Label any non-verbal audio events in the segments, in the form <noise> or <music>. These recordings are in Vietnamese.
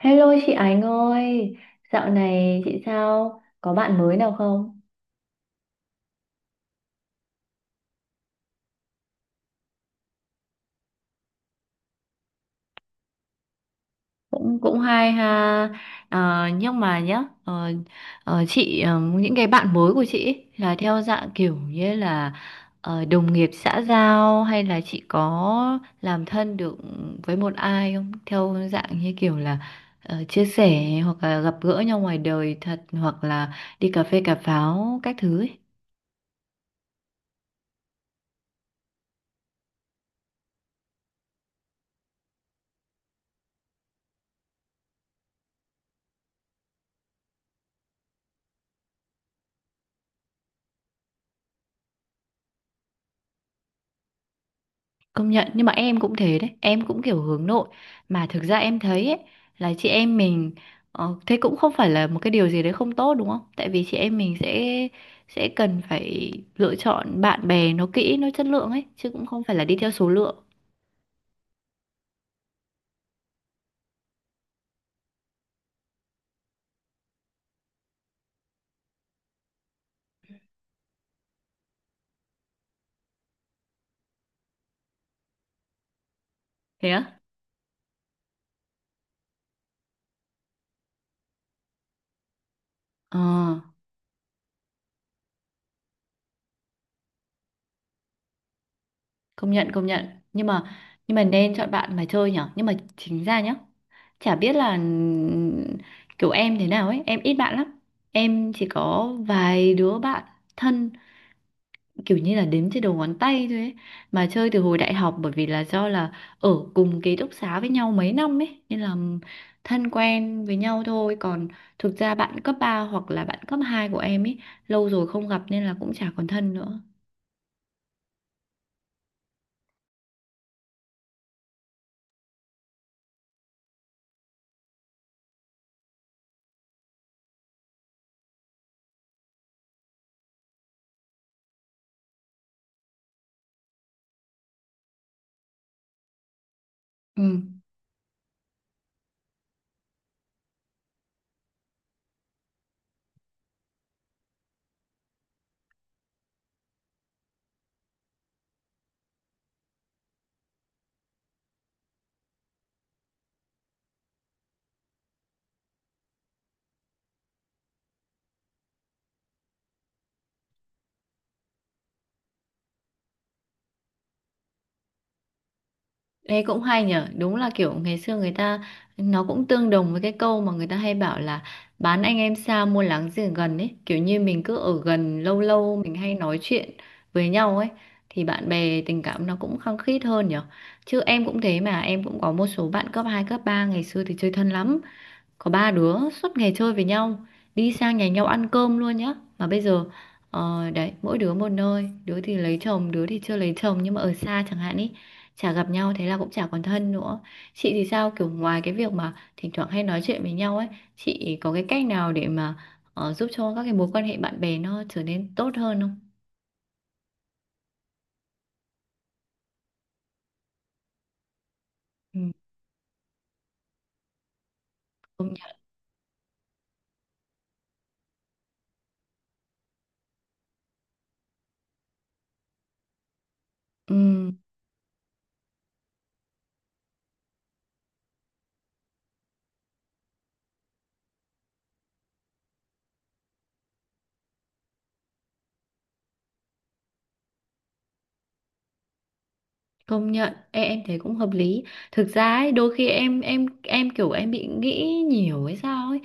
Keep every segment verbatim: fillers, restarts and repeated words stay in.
Hello chị Ánh ơi, dạo này chị sao? Có bạn mới nào không? Cũng cũng hay ha. Ờ, nhưng mà nhá, ờ, ờ, chị, ờ, những cái bạn mới của chị ấy là theo dạng kiểu như là, ờ, đồng nghiệp xã giao hay là chị có làm thân được với một ai không, theo dạng như kiểu là, ờ, chia sẻ hoặc là gặp gỡ nhau ngoài đời thật, hoặc là đi cà phê cà pháo các thứ ấy? Công nhận, nhưng mà em cũng thế đấy. Em cũng kiểu hướng nội. Mà thực ra em thấy ấy, là chị em mình, ờ, thế cũng không phải là một cái điều gì đấy không tốt, đúng không? Tại vì chị em mình sẽ Sẽ cần phải lựa chọn bạn bè. Nó kỹ, nó chất lượng ấy, chứ cũng không phải là đi theo số lượng. Thế á? Ờ, công nhận, công nhận. Nhưng mà nhưng mà nên chọn bạn mà chơi nhở. Nhưng mà chính ra nhá, chả biết là, ừm, kiểu em thế nào ấy. Em ít bạn lắm. Em chỉ có vài đứa bạn thân, kiểu như là đếm trên đầu ngón tay thôi ấy. Mà chơi từ hồi đại học, bởi vì là do là ở cùng ký túc xá với nhau mấy năm ấy, nên là thân quen với nhau thôi. Còn thực ra bạn cấp ba hoặc là bạn cấp hai của em ấy, lâu rồi không gặp, nên là cũng chả còn thân nữa. Ừ. Ê, cũng hay nhở. Đúng là kiểu ngày xưa người ta, nó cũng tương đồng với cái câu mà người ta hay bảo là bán anh em xa mua láng giềng gần ấy. Kiểu như mình cứ ở gần lâu lâu, mình hay nói chuyện với nhau ấy, thì bạn bè tình cảm nó cũng khăng khít hơn nhở. Chứ em cũng thế mà. Em cũng có một số bạn cấp hai, cấp ba, ngày xưa thì chơi thân lắm, có ba đứa suốt ngày chơi với nhau, đi sang nhà nhau ăn cơm luôn nhá. Mà bây giờ, ờ, đấy, mỗi đứa một nơi, đứa thì lấy chồng, đứa thì chưa lấy chồng nhưng mà ở xa chẳng hạn ý, chả gặp nhau, thế là cũng chả còn thân nữa. Chị thì sao, kiểu ngoài cái việc mà thỉnh thoảng hay nói chuyện với nhau ấy, chị có cái cách nào để mà, ờ, giúp cho các cái mối quan hệ bạn bè nó trở nên tốt hơn không? Ừ, công nhận. Ừ. Công nhận, em, em thấy cũng hợp lý. Thực ra ấy, đôi khi em em em kiểu em bị nghĩ nhiều hay sao ấy,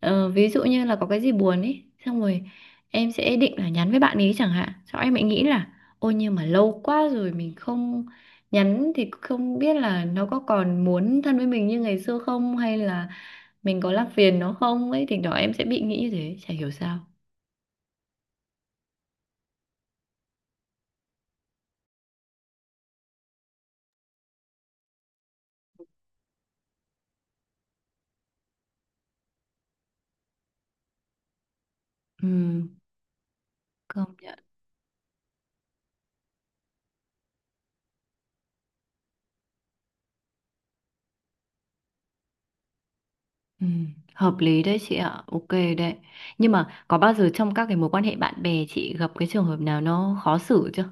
ờ, ví dụ như là có cái gì buồn ấy, xong rồi em sẽ định là nhắn với bạn ấy chẳng hạn, sau em lại nghĩ là ôi nhưng mà lâu quá rồi mình không nhắn thì không biết là nó có còn muốn thân với mình như ngày xưa không, hay là mình có làm phiền nó không ấy, thì đó em sẽ bị nghĩ như thế, chả hiểu sao. Ừ, công nhận. Ừ, hợp lý đấy chị ạ, ok. Đấy. Nhưng mà có bao giờ trong các cái mối quan hệ bạn bè chị gặp cái trường hợp nào nó khó xử chưa?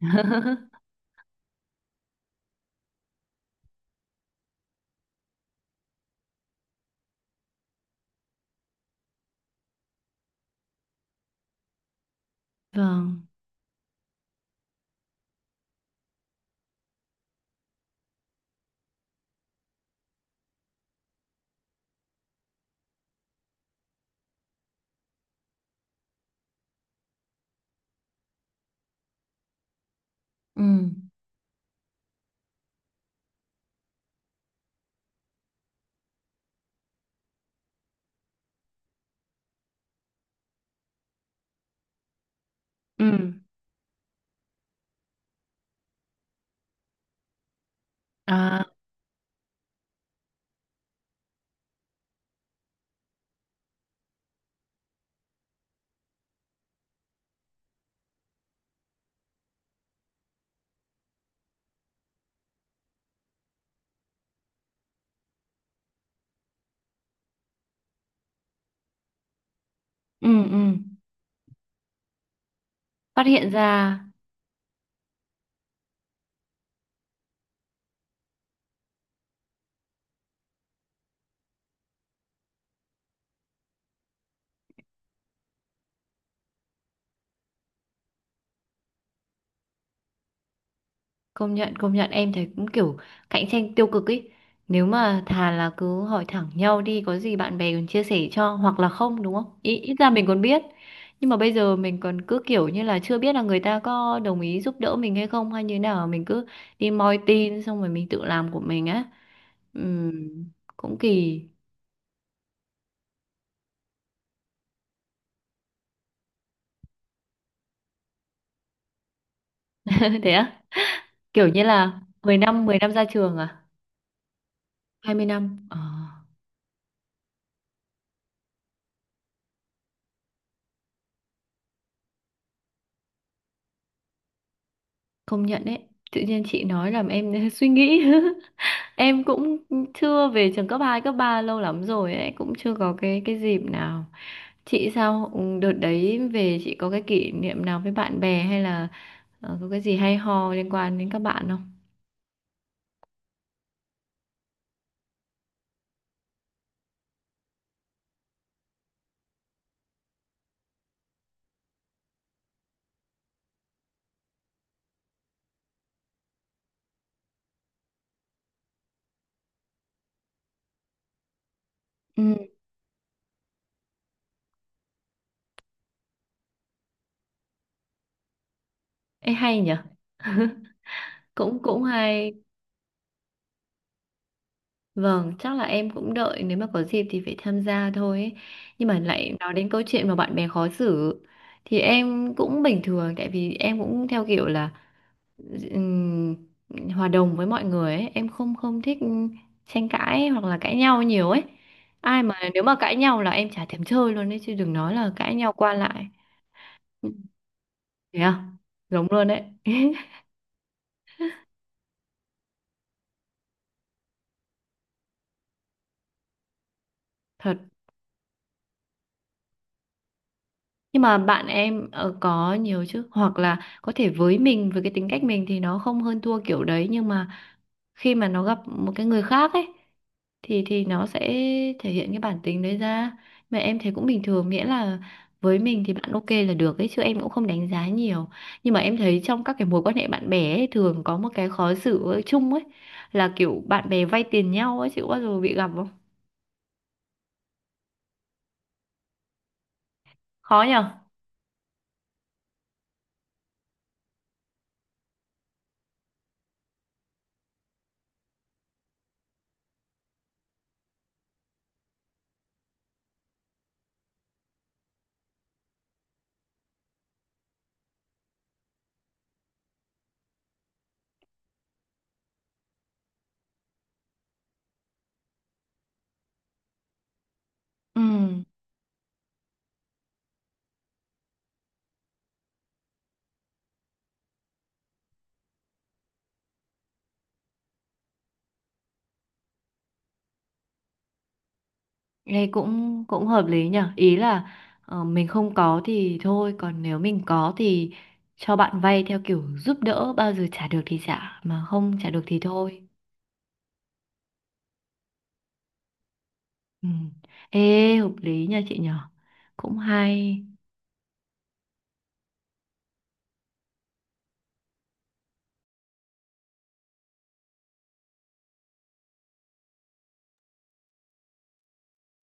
<laughs> Vâng. Ừ. Ừ. À, ừ, ừ. Phát hiện ra. Công nhận, công nhận, em thấy cũng kiểu cạnh tranh tiêu cực ý. Nếu mà thà là cứ hỏi thẳng nhau đi, có gì bạn bè còn chia sẻ cho hoặc là không, đúng không? Ý, ít ra mình còn biết. Nhưng mà bây giờ mình còn cứ kiểu như là chưa biết là người ta có đồng ý giúp đỡ mình hay không hay như thế nào, mình cứ đi moi tin xong rồi mình tự làm của mình á. Ừm, Cũng kỳ. <laughs> Thế á? Kiểu như là mười năm mười năm ra trường à? Hai mươi năm. Ờ, công nhận đấy. Tự nhiên chị nói làm em <laughs> suy nghĩ. <laughs> Em cũng chưa về trường cấp hai, cấp ba lâu lắm rồi ấy, cũng chưa có cái cái dịp nào. Chị sao? Ừ, đợt đấy về chị có cái kỷ niệm nào với bạn bè, hay là, ờ, có cái gì hay ho liên quan đến các bạn không? Ừ. Ê, hay nhở. Cũng cũng hay. Vâng, chắc là em cũng đợi nếu mà có dịp thì phải tham gia thôi ấy. Nhưng mà lại nói đến câu chuyện mà bạn bè khó xử, thì em cũng bình thường, tại vì em cũng theo kiểu là, ừm, hòa đồng với mọi người ấy. Em không không thích tranh cãi hoặc là cãi nhau nhiều ấy. Ai mà nếu mà cãi nhau là em chả thèm chơi luôn ấy, chứ đừng nói là cãi nhau qua lại. Ừ. Thế à? Giống luôn đấy. <laughs> Thật. Nhưng mà bạn em, ờ, có nhiều chứ, hoặc là có thể với mình, với cái tính cách mình thì nó không hơn thua kiểu đấy, nhưng mà khi mà nó gặp một cái người khác ấy, thì thì nó sẽ thể hiện cái bản tính đấy ra. Mà em thấy cũng bình thường, miễn là với mình thì bạn ok là được ấy, chứ em cũng không đánh giá nhiều. Nhưng mà em thấy trong các cái mối quan hệ bạn bè ấy, thường có một cái khó xử ở chung ấy, là kiểu bạn bè vay tiền nhau ấy. Chị có bao giờ bị gặp không? Khó nhở. Ừ. Nghe cũng cũng hợp lý nhở. Ý là, ờ, mình không có thì thôi, còn nếu mình có thì cho bạn vay theo kiểu giúp đỡ, bao giờ trả được thì trả, mà không trả được thì thôi. Ừ. Ê, hợp lý nha chị nhở. Cũng hay.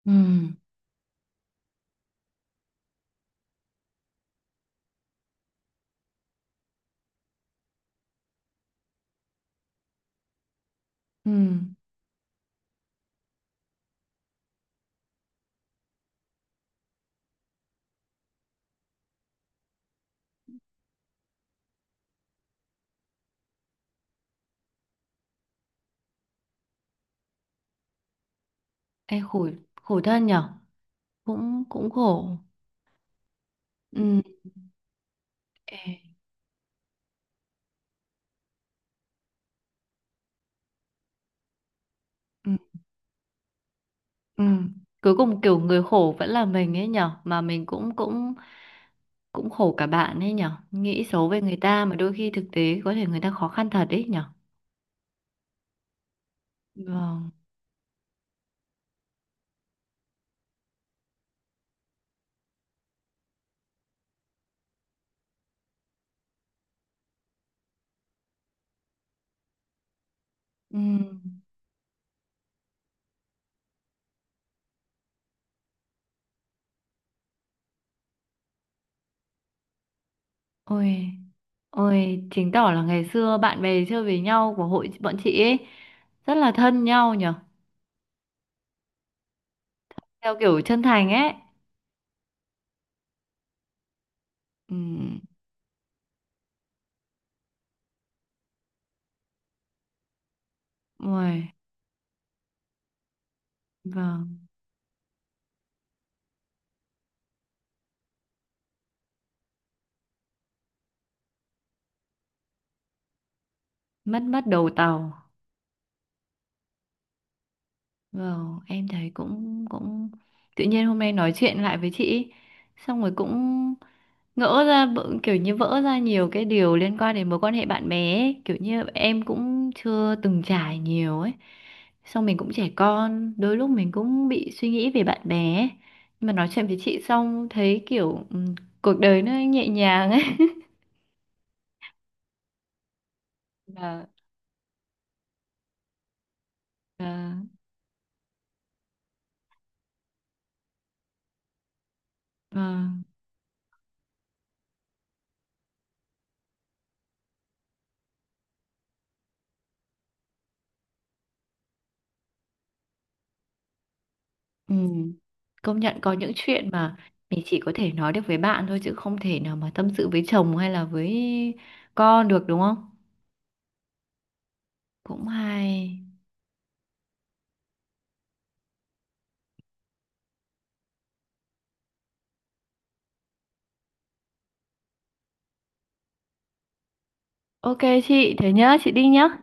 Ừ. Ừ. Ê, khổ. Khổ thân nhở. Cũng cũng khổ. Ừ. Ê. Ừ. Ừ. Cuối cùng kiểu người khổ vẫn là mình ấy nhở. Mà mình cũng cũng cũng khổ cả bạn ấy nhở, nghĩ xấu về người ta mà đôi khi thực tế có thể người ta khó khăn thật ấy nhở. Vâng. Ừm. Ôi, ôi, chứng tỏ là ngày xưa bạn bè chơi với nhau của hội bọn chị ấy rất là thân nhau nhở, theo kiểu chân thành ấy. Ừm. Ôi. Vâng. Mất mất đầu tàu. Vâng, em thấy cũng cũng tự nhiên hôm nay nói chuyện lại với chị ấy, xong rồi cũng ngỡ ra, bỡ- kiểu như vỡ ra nhiều cái điều liên quan đến mối quan hệ bạn bè ấy. Kiểu như em cũng chưa từng trải nhiều ấy, xong mình cũng trẻ con, đôi lúc mình cũng bị suy nghĩ về bạn bè ấy. Nhưng mà nói chuyện với chị xong thấy kiểu, ừ, cuộc đời nó nhẹ nhàng ấy. Và và và Ừ. Công nhận có những chuyện mà mình chỉ có thể nói được với bạn thôi, chứ không thể nào mà tâm sự với chồng hay là với con được, đúng không? Cũng hay. Ok, chị thế nhá, chị đi nhá.